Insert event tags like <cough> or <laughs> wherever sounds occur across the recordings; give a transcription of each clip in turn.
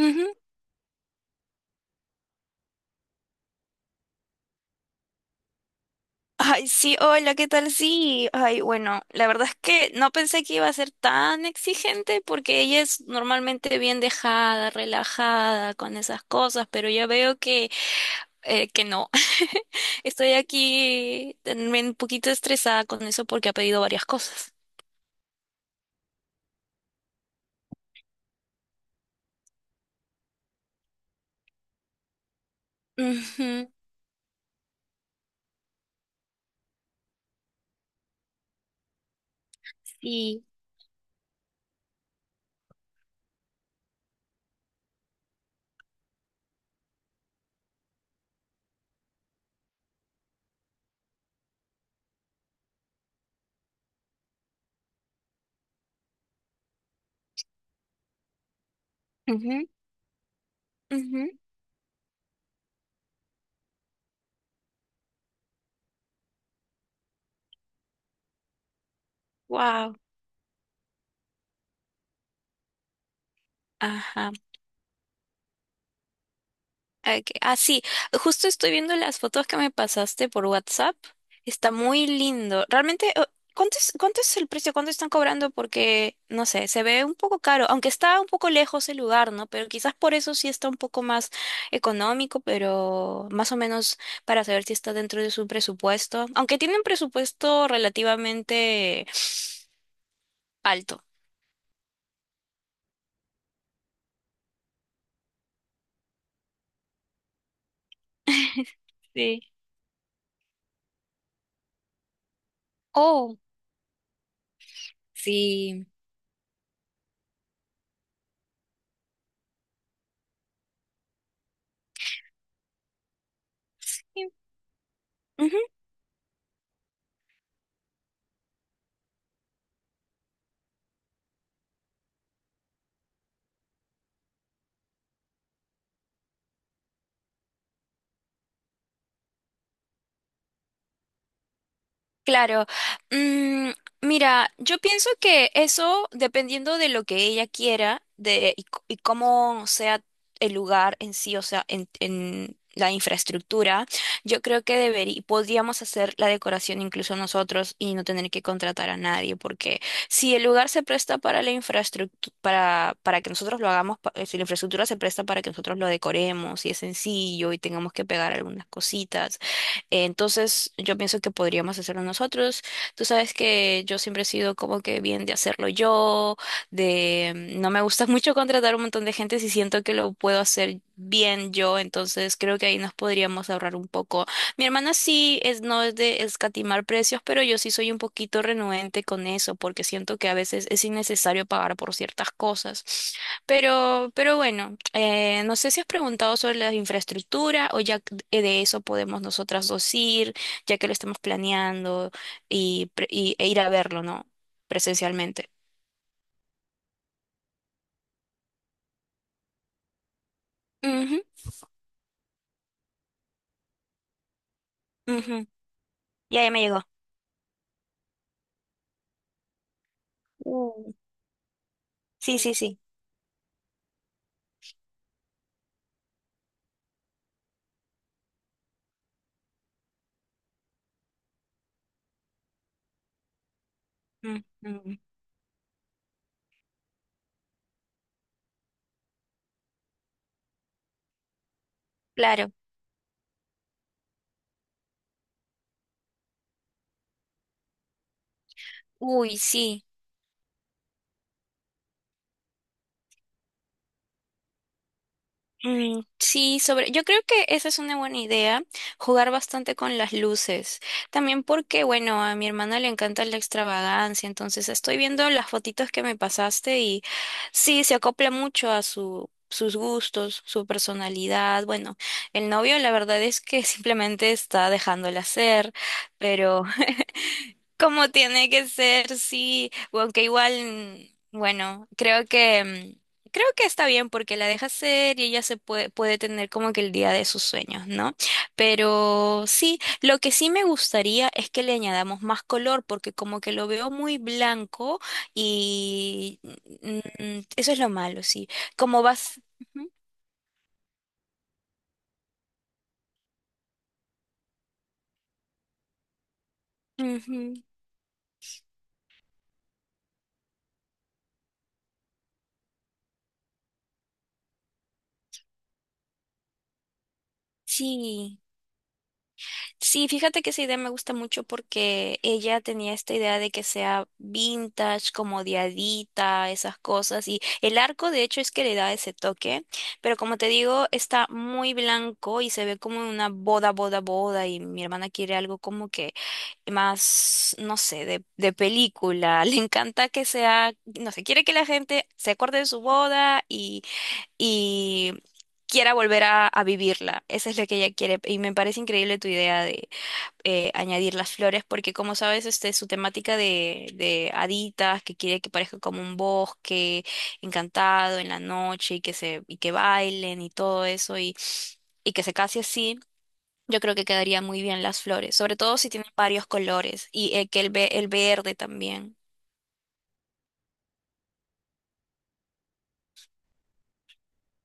Ujú. Ay, sí, hola, ¿qué tal? Sí, ay, bueno, la verdad es que no pensé que iba a ser tan exigente porque ella es normalmente bien dejada, relajada con esas cosas, pero ya veo que no. <laughs> Estoy aquí también un poquito estresada con eso porque ha pedido varias cosas. Ujú. Sí. Ujú, ujú. Wow. Ajá. Ah, ok. Ah, sí, justo estoy viendo las fotos que me pasaste por WhatsApp. Está muy lindo. Realmente, ¿cuánto es el precio? ¿Cuánto están cobrando? Porque, no sé, se ve un poco caro, aunque está un poco lejos el lugar, ¿no? Pero quizás por eso sí está un poco más económico, pero más o menos para saber si está dentro de su presupuesto. Aunque tiene un presupuesto relativamente alto. Sí. Oh, sí. Sí. Claro. Mm, mira, yo pienso que eso, dependiendo de lo que ella quiera y cómo sea el lugar en sí, o sea, en la infraestructura, yo creo que podríamos hacer la decoración incluso nosotros y no tener que contratar a nadie, porque si el lugar se presta para la infraestructura, para que nosotros lo hagamos, si la infraestructura se presta para que nosotros lo decoremos y es sencillo y tengamos que pegar algunas cositas. Entonces, yo pienso que podríamos hacerlo nosotros. Tú sabes que yo siempre he sido como que bien de hacerlo yo, de no me gusta <laughs> mucho contratar un montón de gente si siento que lo puedo hacer bien yo, entonces creo que ahí nos podríamos ahorrar un poco. Mi hermana sí es no es de escatimar precios, pero yo sí soy un poquito renuente con eso porque siento que a veces es innecesario pagar por ciertas cosas. Pero bueno, no sé si has preguntado sobre la infraestructura o ya de eso podemos nosotras dos ir, ya que lo estamos planeando y e ir a verlo, ¿no? Presencialmente. Ujú, ujú. Ya, ya me llegó. Uh, sí, sí, sí. Mm, mm. Claro. Uy, sí. Mm, sí, sobre, yo creo que esa es una buena idea, jugar bastante con las luces. También porque, bueno, a mi hermana le encanta la extravagancia, entonces estoy viendo las fotitos que me pasaste y sí, se acopla mucho a sus gustos, su personalidad. Bueno, el novio la verdad es que <laughs> simplemente está dejándola ser, pero como tiene que ser, sí. O aunque igual, bueno, creo que está bien porque la deja ser y ella puede tener como que el día de sus sueños, ¿no? Pero sí, lo que sí me gustaría es que le añadamos más color porque como que lo veo muy blanco y eso es lo malo, sí. Como vas... Ujú, ujú. Sí. Sí, fíjate que esa idea me gusta mucho porque ella tenía esta idea de que sea vintage, como diadita, esas cosas. Y el arco, de hecho, es que le da ese toque. Pero como te digo, está muy blanco y se ve como una boda, boda, boda. Y mi hermana quiere algo como que más, no sé, de película. <laughs> Le encanta que sea, no sé, quiere que la gente se acuerde de su boda y quiera volver a vivirla. Esa es la que ella quiere. Y me parece increíble tu idea añadir las flores, porque como sabes, este, su temática de haditas, que quiere que parezca como un bosque encantado en la noche y y que bailen y todo eso y que se case así. Yo creo que quedaría muy bien las flores, sobre todo si tienen varios colores y el verde también.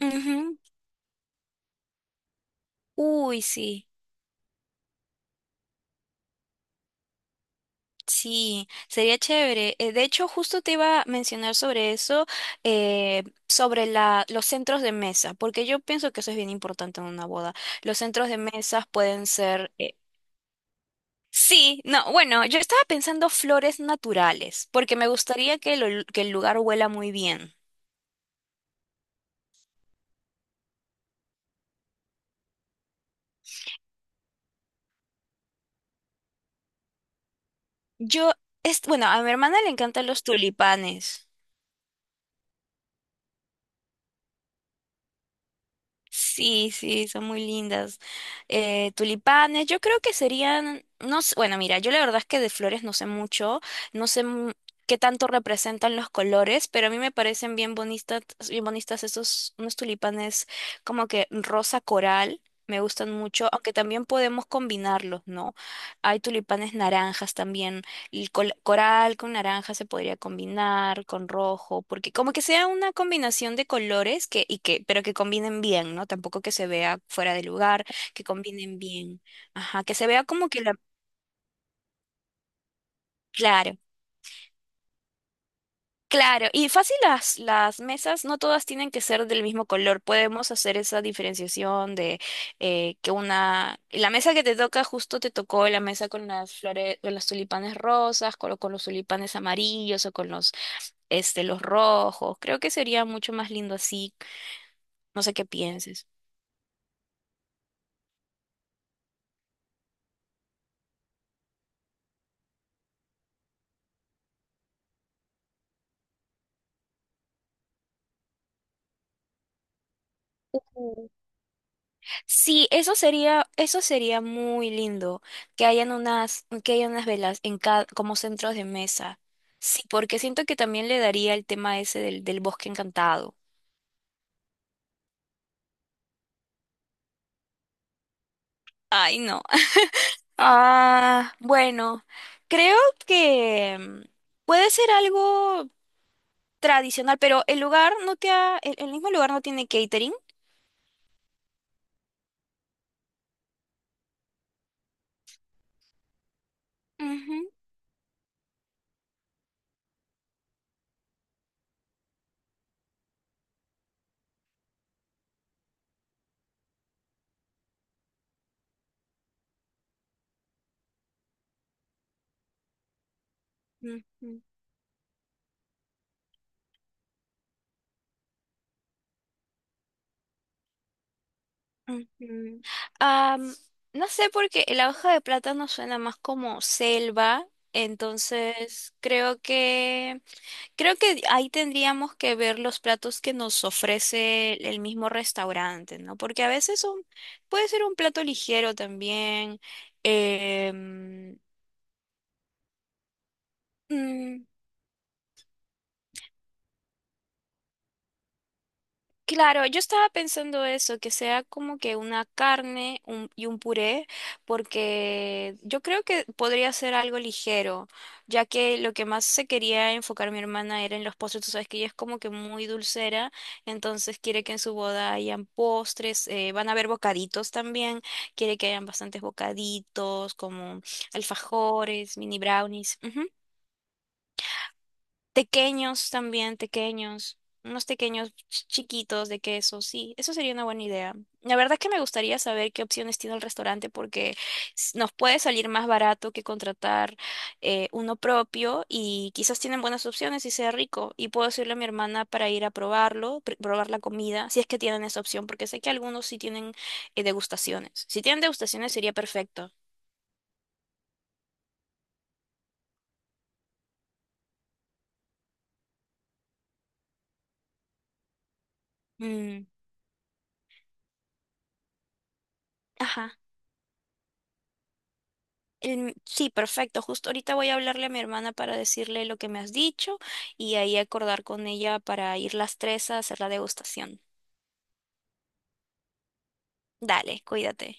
Ujú. Uy, sí. Sí, sería chévere. De hecho, justo te iba a mencionar sobre eso, sobre los centros de mesa, porque yo pienso que eso es bien importante en una boda. Los centros de mesas pueden ser... sí, no, bueno, yo estaba pensando flores naturales, porque me gustaría que, que el lugar huela muy bien. Yo, es, bueno, a mi hermana le encantan los tulipanes. Sí, sí, son muy lindas. Tulipanes, yo creo que serían, no sé, bueno, mira, yo la verdad es que de flores no sé mucho, no sé mu- qué tanto representan los colores, pero a mí me parecen bien bonitas esos, unos tulipanes como que rosa coral. Me gustan mucho, aunque también podemos combinarlos, ¿no? Hay tulipanes naranjas también. Coral con naranja se podría combinar con rojo, porque como que sea una combinación de colores pero que combinen bien, ¿no? Tampoco que se vea fuera de lugar, que combinen bien. Ajá, que se vea como que la... Claro, claro. Y fácil las mesas, no todas tienen que ser del mismo color. Podemos hacer esa diferenciación de La mesa que te toca justo te tocó la mesa con las flores, con los tulipanes rosas, con los tulipanes amarillos o con los este, los rojos. Creo que sería mucho más lindo así. No sé qué pienses. Ujú. Sí, eso sería muy lindo, que hayan unas velas en cada, como centros de mesa. Sí, porque siento que también le daría el tema ese del bosque encantado. Ay, no. Ah, bueno, creo que mm, puede ser algo tradicional, pero el mismo lugar no tiene catering. Ujú, ujú, ujú. Am, no sé porque la hoja de plátano suena más como selva, entonces creo que creo que ahí tendríamos que ver los platos que nos ofrece el mismo restaurante, ¿no? Porque a veces son, puede ser un plato ligero también. em, mm, Claro, yo estaba pensando eso, que sea como que una carne y un puré, porque yo creo que podría ser algo ligero, ya que lo que más se quería enfocar mi hermana era en los postres, tú sabes que ella es como que muy dulcera, entonces quiere que en su boda hayan postres, van a haber bocaditos también, quiere que hayan bastantes bocaditos como alfajores, mini brownies. Tequeños también, tequeños, unos tequeños chiquitos de queso, sí, eso sería una buena idea. La verdad es que me gustaría saber qué opciones tiene el restaurante porque nos puede salir más barato que contratar uno propio y quizás tienen buenas opciones y sea rico. Y puedo decirle a mi hermana para ir a probarlo, probar la comida, si es que tienen esa opción, porque sé que algunos sí tienen degustaciones. Si tienen degustaciones sería perfecto. Mm, ajá. Sí, perfecto. Justo ahorita voy a hablarle a mi hermana para decirle lo que me has dicho y ahí acordar con ella para ir las tres a hacer la degustación. Dale, cuídate.